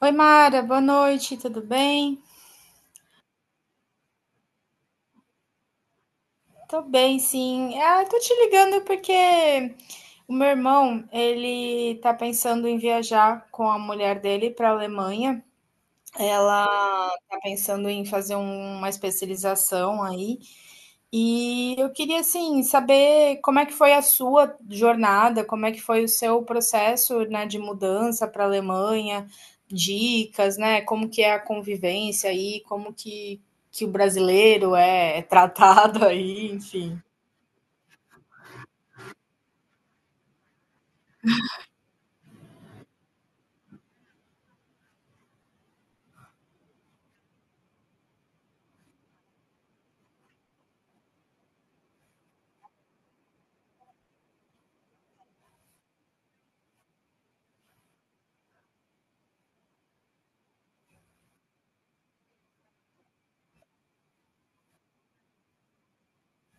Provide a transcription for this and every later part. Oi, Mara, boa noite, tudo bem? Tô bem, sim. Ah, tô te ligando porque o meu irmão, ele tá pensando em viajar com a mulher dele para a Alemanha. Ela tá pensando em fazer uma especialização aí. E eu queria, assim, saber como é que foi a sua jornada, como é que foi o seu processo, né, de mudança para a Alemanha, dicas, né, como que é a convivência aí, como que o brasileiro é tratado aí, enfim.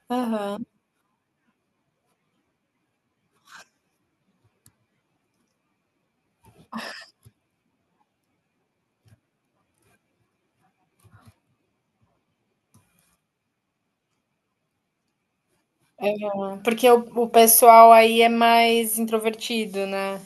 Aham. É, porque o pessoal aí é mais introvertido, né?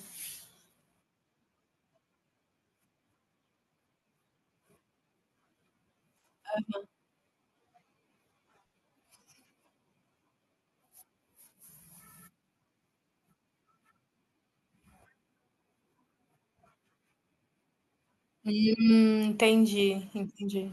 Entendi, entendi.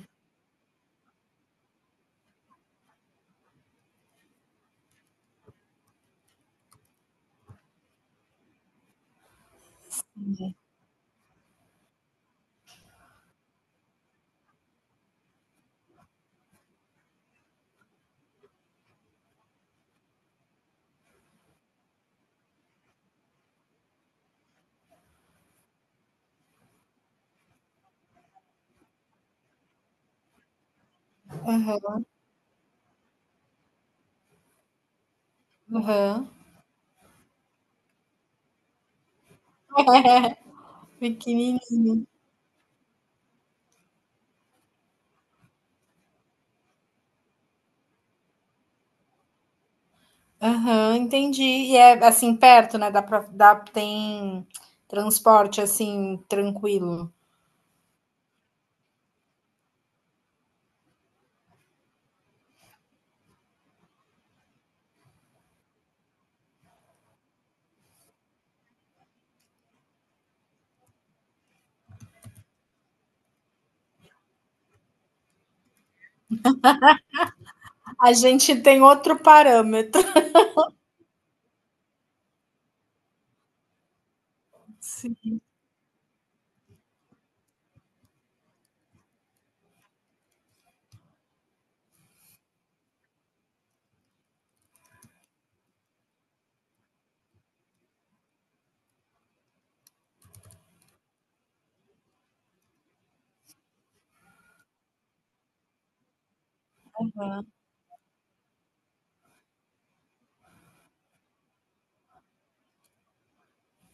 Aham, aham. Pequenininho. Aham, entendi. E é assim perto, né, dá pra dá tem transporte assim tranquilo. A gente tem outro parâmetro. Sim.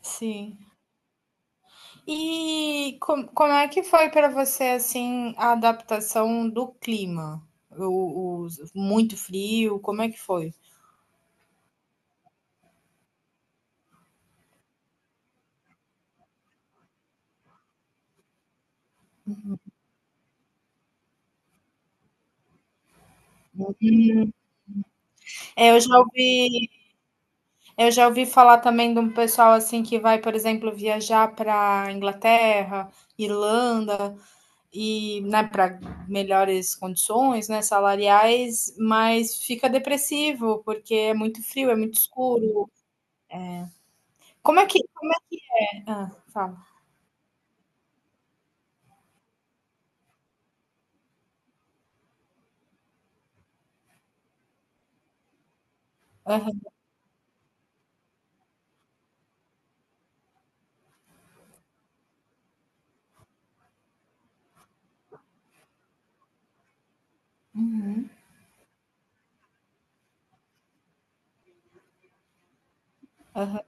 Sim. E como é que foi para você, assim, a adaptação do clima? O muito frio, como é que foi? É, eu já ouvi falar também de um pessoal, assim, que vai, por exemplo, viajar para Inglaterra, Irlanda, e né, para melhores condições, né, salariais, mas fica depressivo porque é muito frio, é muito escuro. Como é que. Como é- Ah, fala. Aham, aham.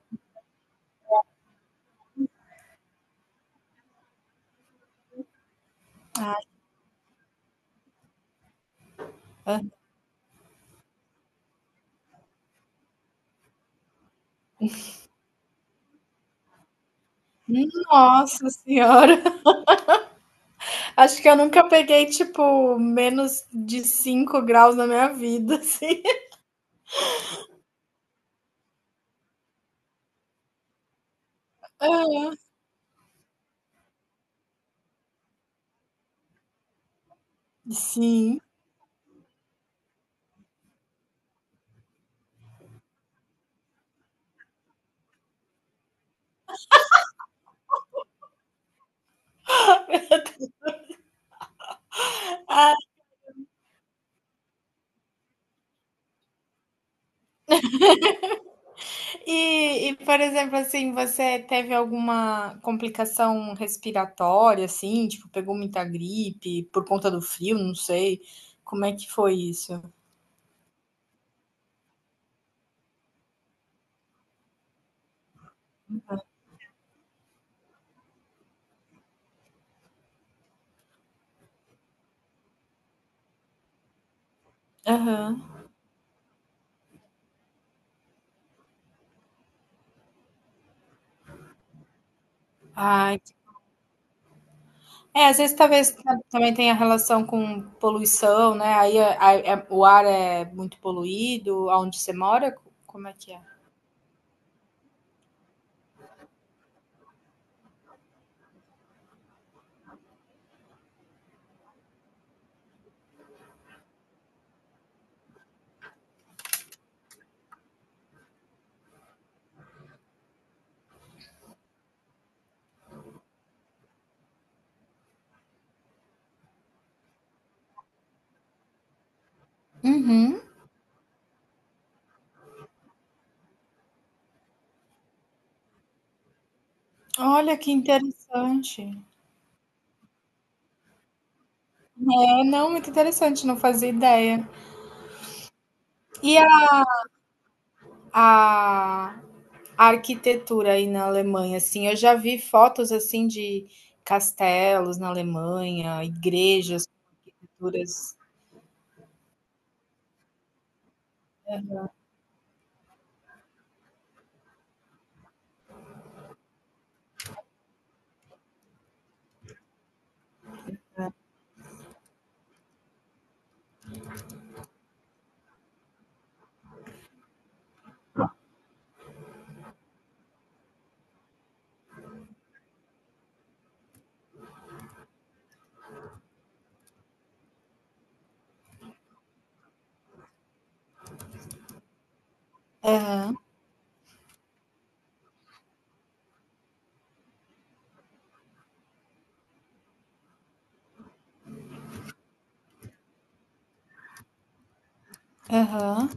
Nossa senhora, acho que eu nunca peguei tipo menos de 5 graus na minha vida, assim. Ah, sim. Ah, E, por exemplo, assim, você teve alguma complicação respiratória, assim, tipo, pegou muita gripe por conta do frio, não sei. Como é que foi isso? Aham. Ai. É, às vezes talvez também tenha relação com poluição, né? O ar é muito poluído, aonde você mora, como é que é? Uhum. Olha que interessante. É, não, muito interessante, não fazia ideia. E a a arquitetura aí na Alemanha, assim, eu já vi fotos assim de castelos na Alemanha, igrejas, arquiteturas. Aham, aham,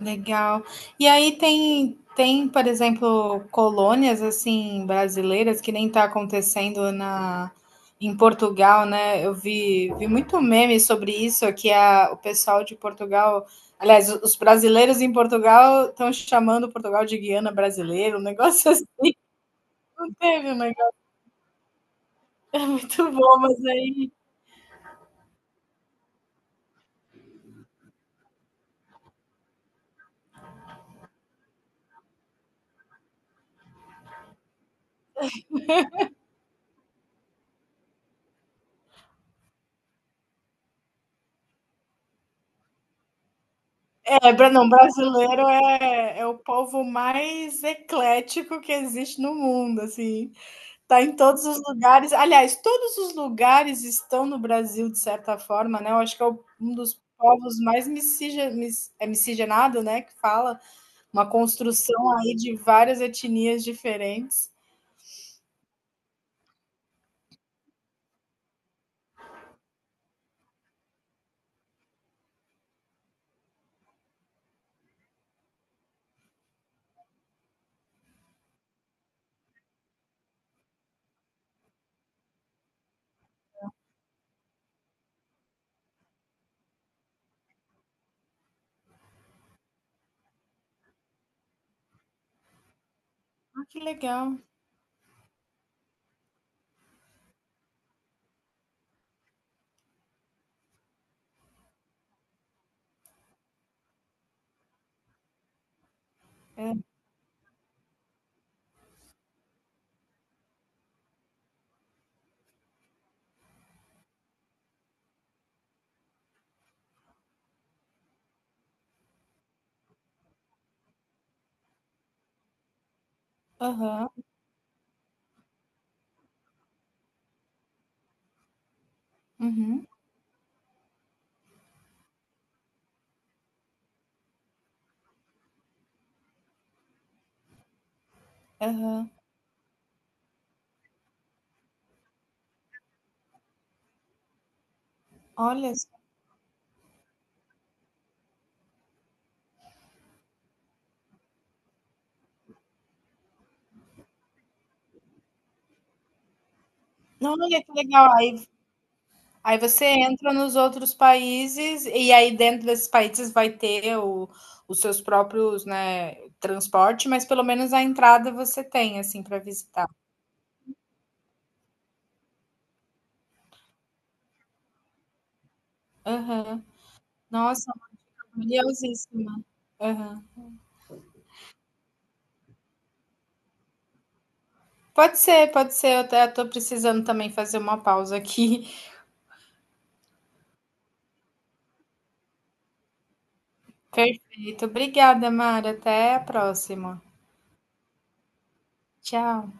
legal. E aí tem, por exemplo, colônias assim brasileiras que nem está acontecendo na em Portugal, né? Eu vi muito meme sobre isso, que o pessoal de Portugal. Aliás, os brasileiros em Portugal estão chamando Portugal de Guiana brasileiro, um negócio assim. Não teve um negócio é muito bom, mas aí. É, não, brasileiro é o povo mais eclético que existe no mundo, assim. Tá em todos os lugares. Aliás, todos os lugares estão no Brasil, de certa forma, né? Eu acho que um dos povos mais é miscigenado, né? Que fala uma construção aí de várias etnias diferentes. Ah, que legal. É. Aham, uhum, aham. Olha, só. Olha que legal. Aí você entra nos outros países e aí dentro desses países vai ter os seus próprios, né, transporte, mas pelo menos a entrada você tem, assim, para visitar. Aham. Nossa, curiosíssima. Aham. Pode ser, pode ser. Eu até tô precisando também fazer uma pausa aqui. Perfeito. Obrigada, Mara. Até a próxima. Tchau.